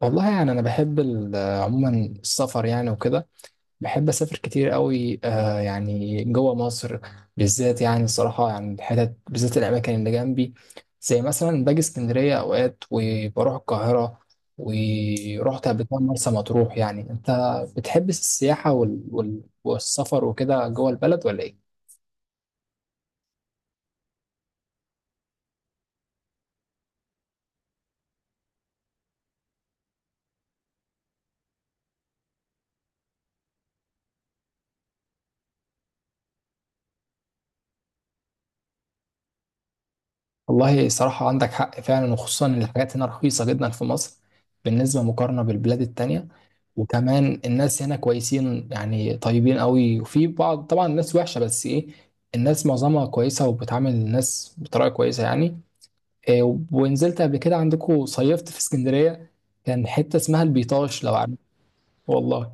والله يعني انا بحب عموما السفر يعني وكده. بحب اسافر كتير قوي آه يعني جوه مصر بالذات، يعني الصراحه يعني الحتت بالذات الاماكن اللي جنبي، زي مثلا باجي اسكندريه اوقات وبروح القاهره، ورحت قبل كده مرسى مطروح. يعني انت بتحب السياحه والسفر وكده جوه البلد ولا ايه؟ والله صراحة عندك حق فعلا، وخصوصا إن الحاجات هنا رخيصة جدا في مصر بالنسبة مقارنة بالبلاد التانية. وكمان الناس هنا كويسين يعني طيبين قوي، وفي بعض طبعا الناس وحشة، بس ايه، الناس معظمها كويسة وبتعامل الناس بطريقة كويسة يعني. إيه، ونزلت قبل كده عندكم صيفت في اسكندرية، كان حتة اسمها البيطاش لو عارف. والله،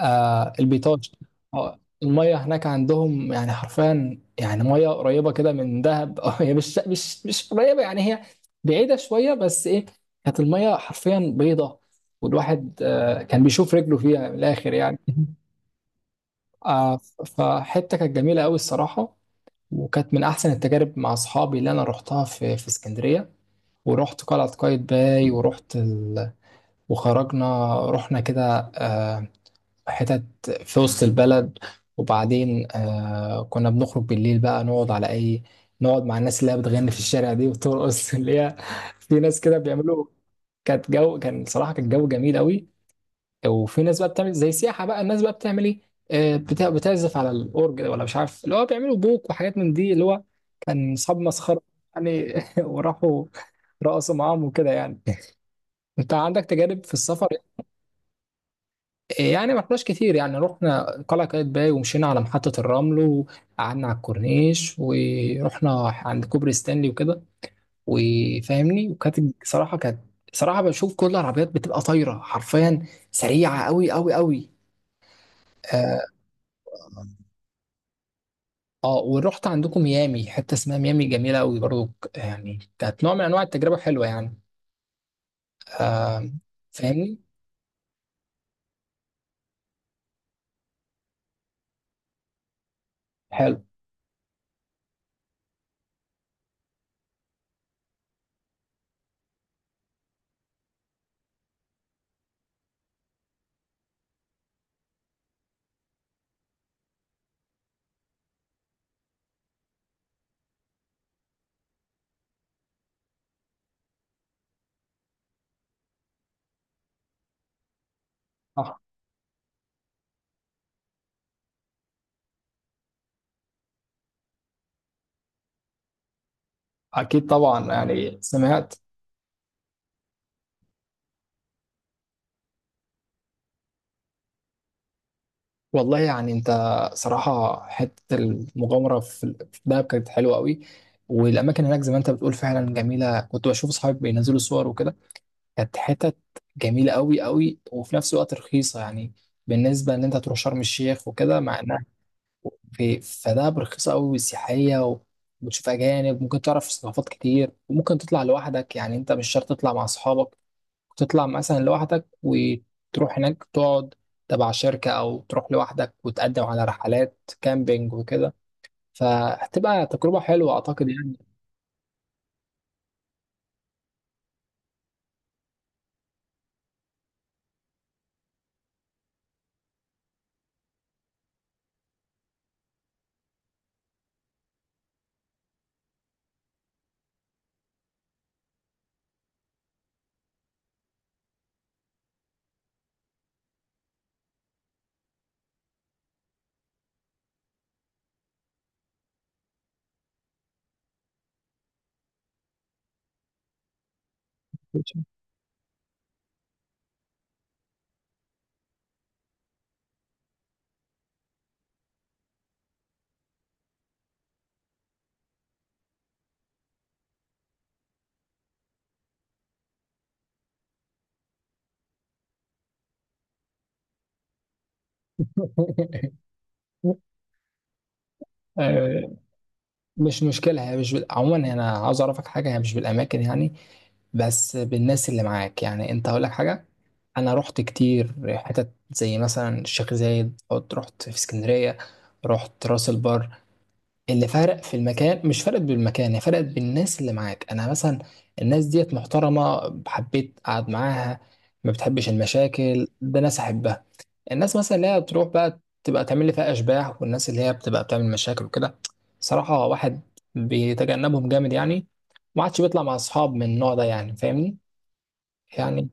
آه البيطاش. آه، المية هناك عندهم يعني حرفيا يعني مية قريبة كده من دهب أو هي مش قريبة يعني، هي بعيدة شوية بس إيه، كانت المية حرفيا بيضة، والواحد آه كان بيشوف رجله فيها من الآخر يعني آه، فحتة كانت جميلة أوي الصراحة، وكانت من أحسن التجارب مع أصحابي اللي أنا روحتها في اسكندرية. ورحت قلعة قايتباي، ورحت وخرجنا رحنا كده آه، حتت في وسط البلد. وبعدين آه كنا بنخرج بالليل بقى نقعد على اي، نقعد مع الناس اللي هي بتغني في الشارع دي وترقص اللي هي في ناس كده بيعملوا. كانت جو، كان صراحة كان جو جميل قوي. وفي ناس بقى بتعمل زي سياحة بقى، الناس بقى بتعمل ايه، آه، بتعزف على الأورج ده، ولا مش عارف اللي هو بيعملوا بوك وحاجات من دي، اللي هو كان أصحاب مسخرة يعني وراحوا رقصوا معاهم وكده يعني انت عندك تجارب في السفر؟ يعني ما رحناش كتير، يعني رحنا قلعة قايتباي ومشينا على محطة الرمل، وقعدنا على الكورنيش، ورحنا عند كوبري ستانلي وكده، وفاهمني. وكانت صراحة كانت صراحة بشوف كل العربيات بتبقى طايرة حرفيا سريعة قوي قوي قوي. اه. آه، ورحت عندكم ميامي، حتة اسمها ميامي جميلة قوي برضو. يعني كانت نوع من انواع التجربة حلوة يعني. آه، فاهمني. حلو. آه، اكيد طبعا يعني سمعت. والله يعني انت، صراحة حتة المغامرة في دهب كانت حلوة قوي. والأماكن هناك زي ما أنت بتقول فعلا جميلة، كنت بشوف أصحابي بينزلوا صور وكده. كانت حتت جميلة قوي قوي، وفي نفس الوقت رخيصة يعني، بالنسبة إن أنت تروح شرم الشيخ وكده، مع إنها في، فدهب رخيصة قوي وسياحية. وبتشوف أجانب، ممكن تعرف ثقافات كتير، وممكن تطلع لوحدك يعني، أنت مش شرط تطلع مع أصحابك، تطلع مثلا لوحدك وتروح هناك تقعد تبع شركة، أو تروح لوحدك وتقدم على رحلات كامبينج وكده. فهتبقى تجربة حلوة أعتقد يعني آه، مش مشكلة، هي مش عموما أنا عاوز أعرفك حاجة، هي مش بالأماكن يعني، بس بالناس اللي معاك يعني، أنت هقول لك حاجة. أنا رحت كتير حتت زي مثلا الشيخ زايد، رحت في اسكندرية، رحت راس البر، اللي فرق في المكان مش فرقت بالمكان، هي فرقت بالناس اللي معاك. انا مثلا الناس ديت محترمه حبيت اقعد معاها، ما بتحبش المشاكل، ده ناس احبها. الناس مثلا اللي هي بتروح بقى تبقى تعمل لي فيها اشباح، والناس اللي هي بتبقى بتعمل مشاكل وكده، صراحه واحد بيتجنبهم جامد يعني، ما عادش بيطلع مع اصحاب من النوع ده، يعني فاهمني يعني.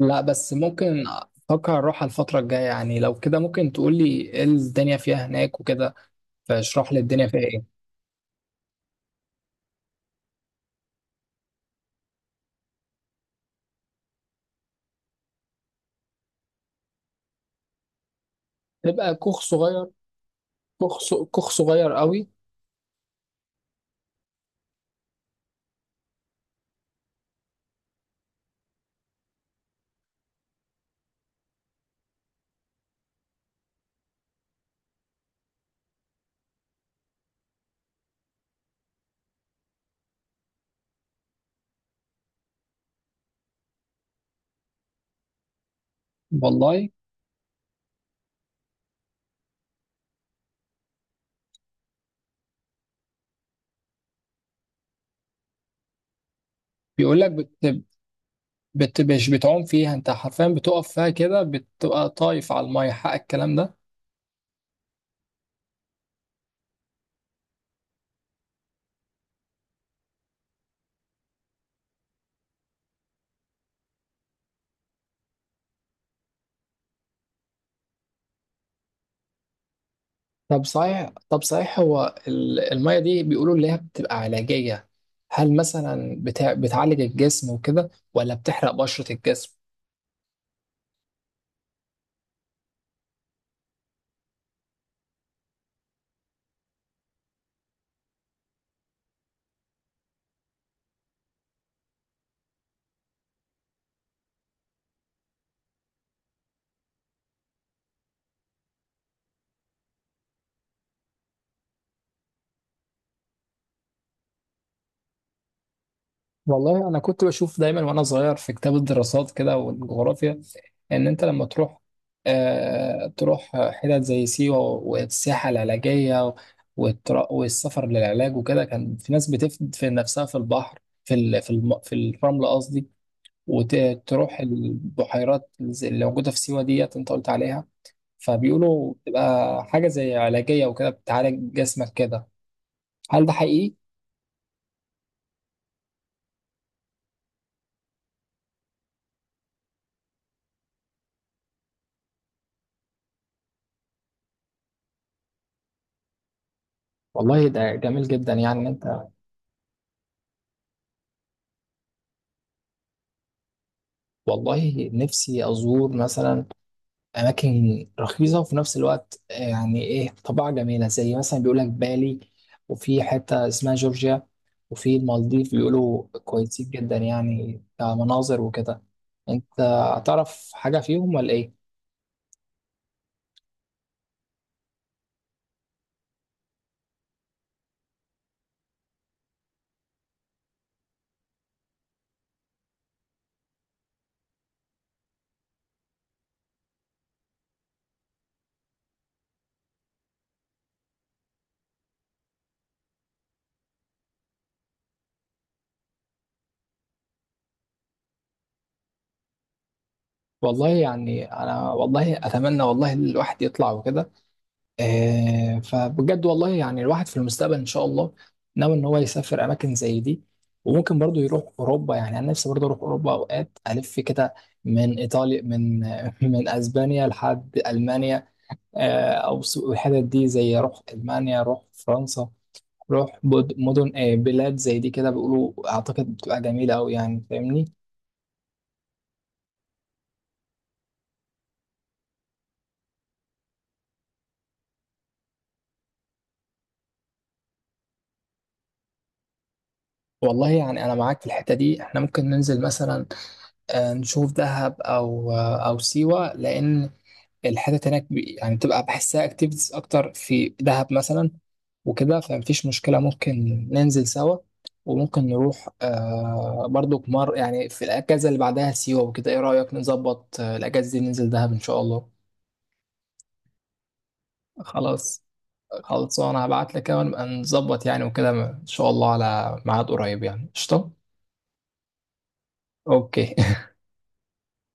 لا بس ممكن افكر اروح على الفتره الجايه يعني، لو كده ممكن تقول لي ايه الدنيا فيها هناك وكده، فاشرح لي الدنيا فيها ايه. تبقى كوخ صغير، كوخ صغير قوي. والله بيقول لك مش بتعوم فيها، انت حرفيا بتقف فيها كده بتبقى طايف على الميه، حق الكلام ده؟ طب صحيح طب صحيح، هو الميه دي بيقولوا اللي هي بتبقى علاجيه، هل مثلا بتعالج الجسم وكده، ولا بتحرق بشرة الجسم؟ والله انا كنت بشوف دايما وانا صغير في كتاب الدراسات كده والجغرافيا، ان انت لما تروح آه تروح حتت زي سيوة والسياحة العلاجية، والسفر للعلاج وكده، كان في ناس بتدفن نفسها في البحر، في في الرمل قصدي، وتروح البحيرات اللي موجودة في سيوة ديت انت قلت عليها، فبيقولوا بتبقى حاجة زي علاجية وكده بتعالج جسمك كده. هل ده حقيقي؟ والله ده جميل جدا يعني. والله نفسي أزور مثلا أماكن رخيصة، وفي نفس الوقت آه، يعني إيه طبيعة جميلة زي مثلا بيقول لك بالي، وفي حتة اسمها جورجيا، وفي المالديف بيقولوا كويسين جدا يعني كمناظر وكده. أنت هتعرف حاجة فيهم ولا إيه؟ والله يعني أنا والله أتمنى، والله الواحد يطلع وكده آه، فبجد والله يعني الواحد في المستقبل ان شاء الله ناوي ان هو يسافر اماكن زي دي. وممكن برضو يروح اوروبا، يعني انا نفسي برضو اروح اوروبا اوقات الف كده من ايطاليا، من من اسبانيا لحد المانيا. آه، الحتت دي زي روح المانيا روح فرنسا مدن آه، بلاد زي دي كده بيقولوا اعتقد بتبقى جميله قوي يعني فاهمني. والله يعني انا معاك في الحته دي، احنا ممكن ننزل مثلا آه، نشوف دهب او آه، او سيوه، لان الحتت هناك يعني بتبقى بحسها اكتيفيتيز اكتر في دهب مثلا وكده، فمفيش مشكله ممكن ننزل سوا. وممكن نروح آه برضو مر يعني في الاجازه اللي بعدها سيوه وكده. ايه رايك نظبط آه، الاجازه دي ننزل دهب ان شاء الله؟ خلاص خلاص، انا هبعت لك ونبقى نظبط يعني وكده ان شاء الله على ميعاد قريب يعني. قشطه. اوكي.